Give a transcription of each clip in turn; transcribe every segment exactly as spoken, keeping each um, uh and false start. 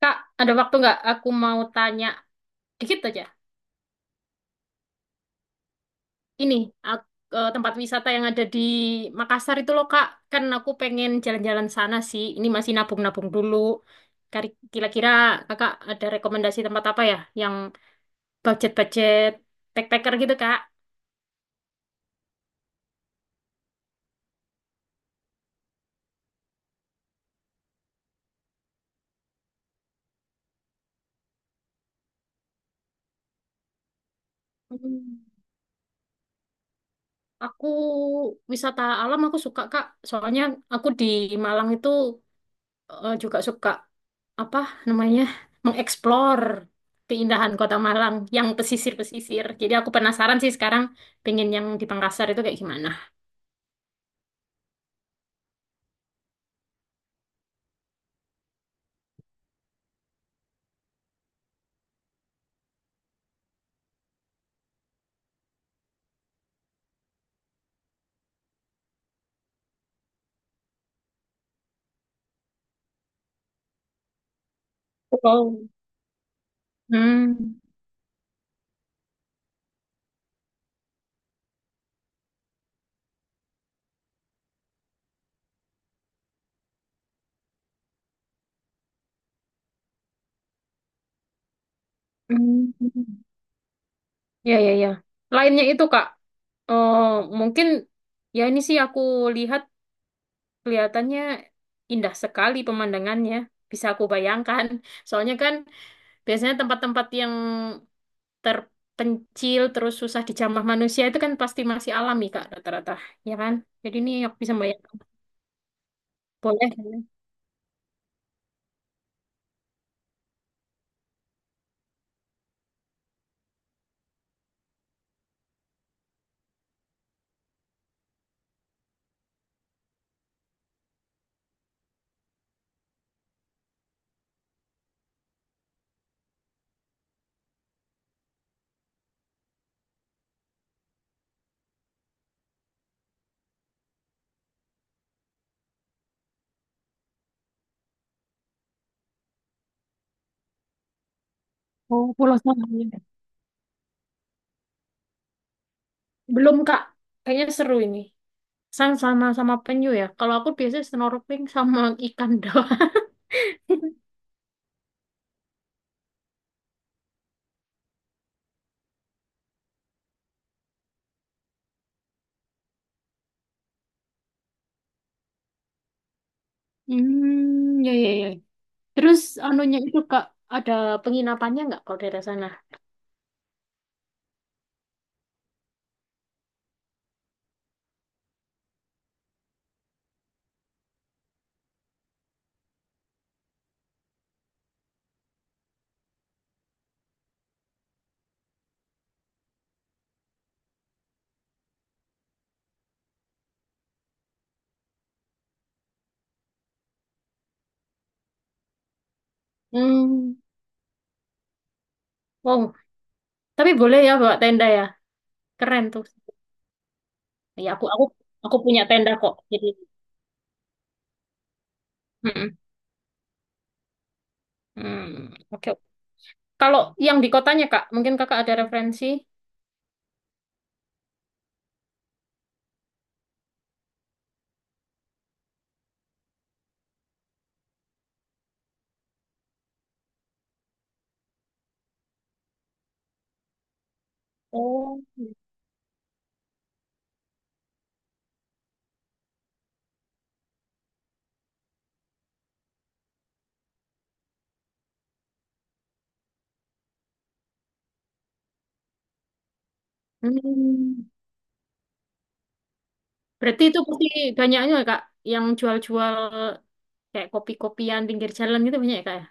Kak, ada waktu nggak? Aku mau tanya dikit aja. Ini ak- eh, tempat wisata yang ada di Makassar itu loh, Kak. Kan aku pengen jalan-jalan sana sih. Ini masih nabung-nabung dulu. Kari- Kira-kira Kakak ada rekomendasi tempat apa ya yang budget-budget backpacker gitu, Kak? Hmm. Aku wisata alam aku suka, Kak. Soalnya aku di Malang itu eh, juga suka apa namanya mengeksplor keindahan Kota Malang yang pesisir-pesisir. Jadi aku penasaran sih sekarang pengen yang di Pangkasar itu kayak gimana. Oh. Hmm, hmm. Ya, ya, ya. Lainnya itu Kak, eh, mungkin ya ini sih aku lihat kelihatannya indah sekali pemandangannya. Bisa aku bayangkan. Soalnya kan biasanya tempat-tempat yang terpencil terus susah dijamah manusia itu kan pasti masih alami Kak rata-rata, ya kan, jadi ini aku bisa bayangkan. Boleh. Oh, Pulau Sangihe. Belum Kak, kayaknya seru ini. Sang sama sama penyu ya, kalau aku biasanya snorkeling sama ikan doang. Hmm, ya, ya, ya. Terus anunya itu Kak, ada penginapannya nggak kalau daerah sana? hmm, wow, tapi boleh ya bawa tenda ya. Keren tuh. Ya, aku aku aku punya tenda kok, jadi. Mm-mm. Hmm, oke, oke. Kalau yang di kotanya, Kak, mungkin Kakak ada referensi. Oh. Hmm. Berarti itu pasti banyaknya ya, Kak, yang jual-jual kayak kopi-kopian pinggir jalan gitu banyak ya, Kak ya?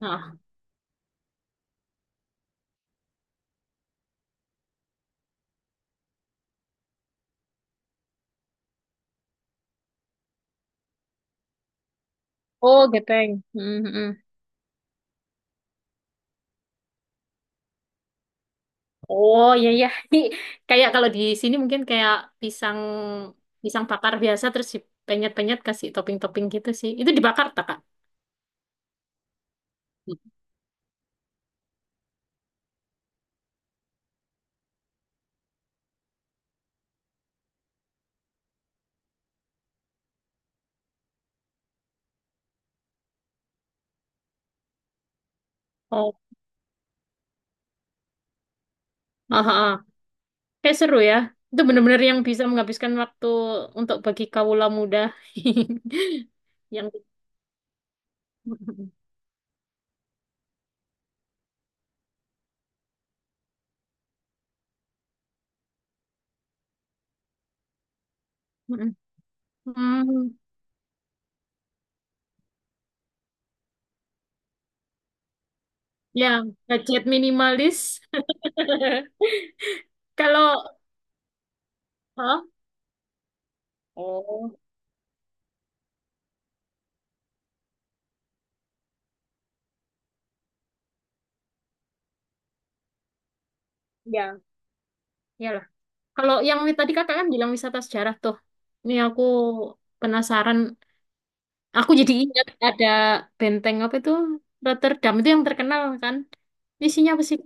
Nah. Oh, gepeng. Hmm, hmm. Oh, iya, iya. Ini kayak kalau di sini mungkin kayak pisang pisang bakar biasa terus dipenyet-penyet kasih topping-topping gitu sih. Itu dibakar tak, Kak? Oh. Ah, ah, ah. Kayak seru ya. Itu bener-bener yang bisa menghabiskan waktu untuk bagi kawula muda. Yang Mm-mm. Mm-mm. Hmm, Ya, budget minimalis. Kalau, Hah? Oh, ya, iyalah. Kalau yang wi- tadi kakak kan bilang wisata sejarah tuh. Ini aku penasaran. Aku jadi ingat ada benteng apa itu Rotterdam itu yang terkenal kan. Isinya apa sih?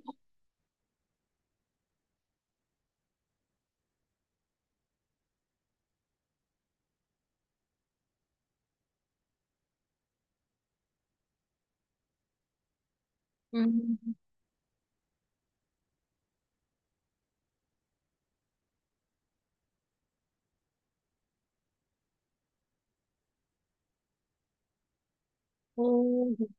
Hmm. Oh, gitu.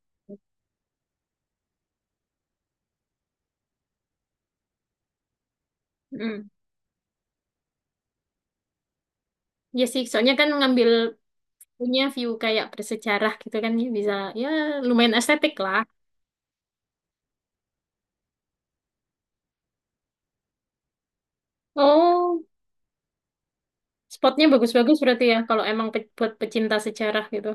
Hmm. Ya sih, soalnya kan ngambil punya view kayak bersejarah gitu kan ya bisa, ya lumayan estetik lah. Oh. Spotnya bagus-bagus berarti ya, kalau emang pe- buat pecinta sejarah gitu.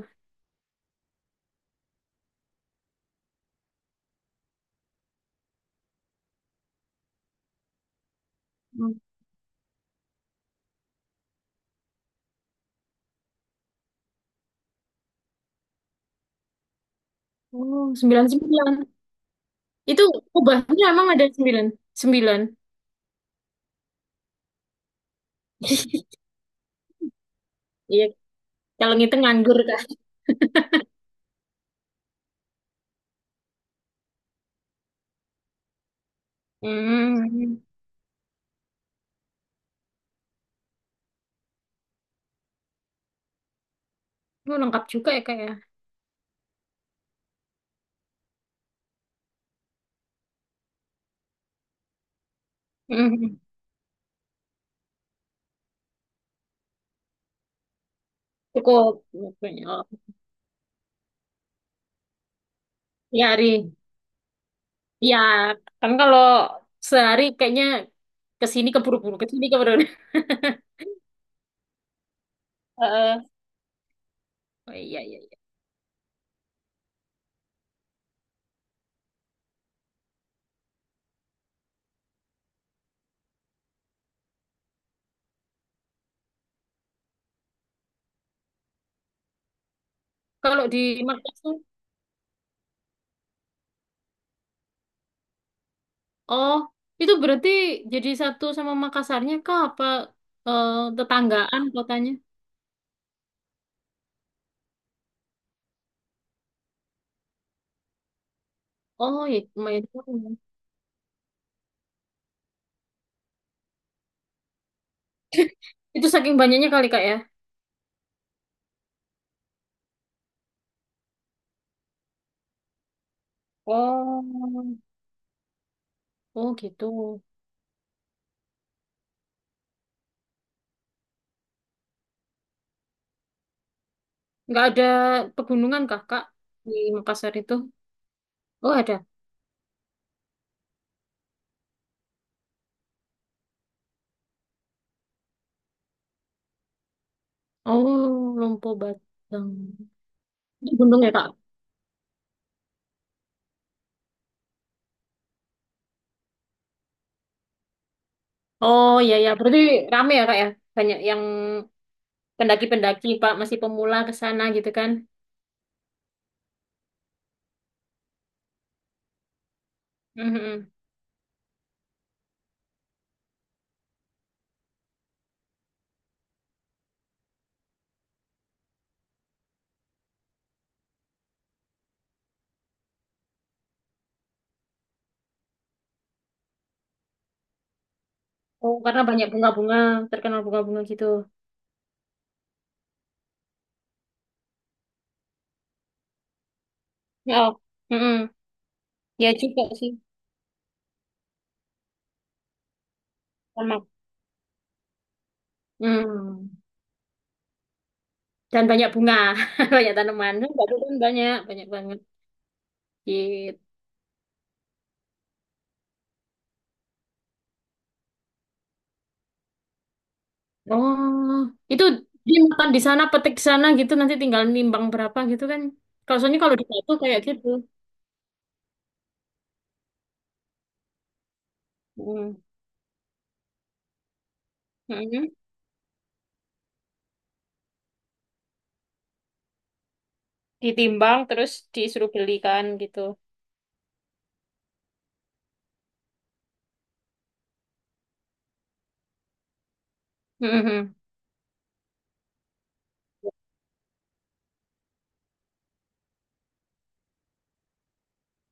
Hmm. Oh, sembilan sembilan. Itu kubahnya emang ada sembilan sembilan. Iya, kalau ngitung nganggur, Kak. Hmm. Oh, lengkap juga ya, Kak ya. Hmm. Cukup. Oh. Ya, Ari. Ya, kan kalau sehari kayaknya ke sini keburu-buru, ke sini keburu. Heeh. Oh, iya, iya, iya. Kalau di Makassar. Oh, itu berarti jadi satu sama Makassarnya kah? Apa eh, tetanggaan kotanya? Oh, ya, lumayan jauh ya. Itu saking banyaknya kali kak ya? Oh, oh, gitu. Nggak ada pegunungan kah kak di Makassar itu? Oh, ada. Oh, Lompo Batang. Itu gunung ya kak? Oh iya ya, berarti rame ya kak ya? Banyak yang pendaki-pendaki pak masih pemula ke sana gitu kan? Mhm. Oh, karena banyak bunga-bunga, terkenal bunga-bunga gitu. Oh, mm-mm. Ya juga sih, sama. Hmm. Dan banyak bunga, banyak tanaman. Kan Batu kan banyak, banyak banget. Gitu. Oh, itu dia makan di sana, petik di sana gitu, nanti tinggal nimbang berapa gitu kan. Kalau soalnya kalau di Batu kayak gitu. Hmm. Mm-mm. Ditimbang terus disuruh belikan gitu. Mm-mm.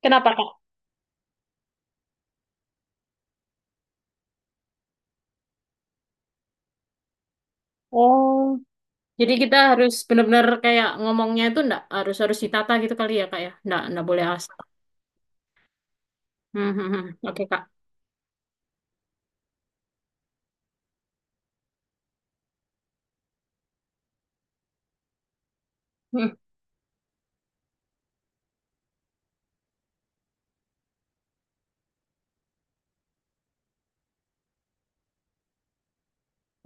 Kenapa, Kak? Oh, jadi kita harus benar-benar kayak ngomongnya itu ndak harus harus ditata gitu kali ya, Kak ya. Ndak ndak boleh asal. Hmm, hmm, hmm. Oke, Kak.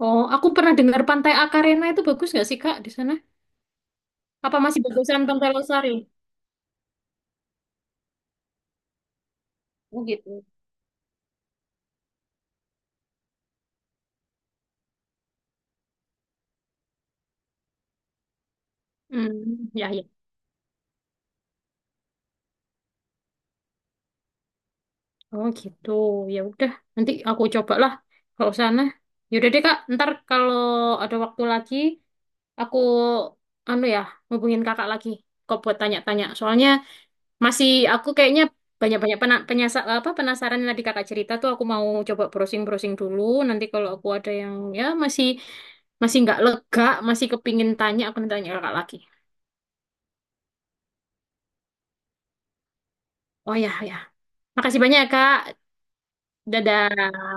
Oh, aku pernah dengar Pantai Akarena itu bagus nggak sih Kak di sana? Apa masih bagusan Pantai Losari? Oh, gitu. Hmm, ya ya. Oh, gitu. Ya udah, nanti aku cobalah kalau sana. Ya udah deh Kak, ntar kalau ada waktu lagi aku anu ya, hubungin Kakak lagi. Kok buat tanya-tanya. Soalnya masih aku kayaknya banyak-banyak pena, penyasa- apa penasaran yang tadi kakak cerita tuh aku mau coba browsing-browsing dulu. Nanti kalau aku ada yang ya masih masih nggak lega, masih kepingin tanya, aku nanti tanya kakak lagi. Oh ya, ya. Makasih banyak ya, Kak. Dadah.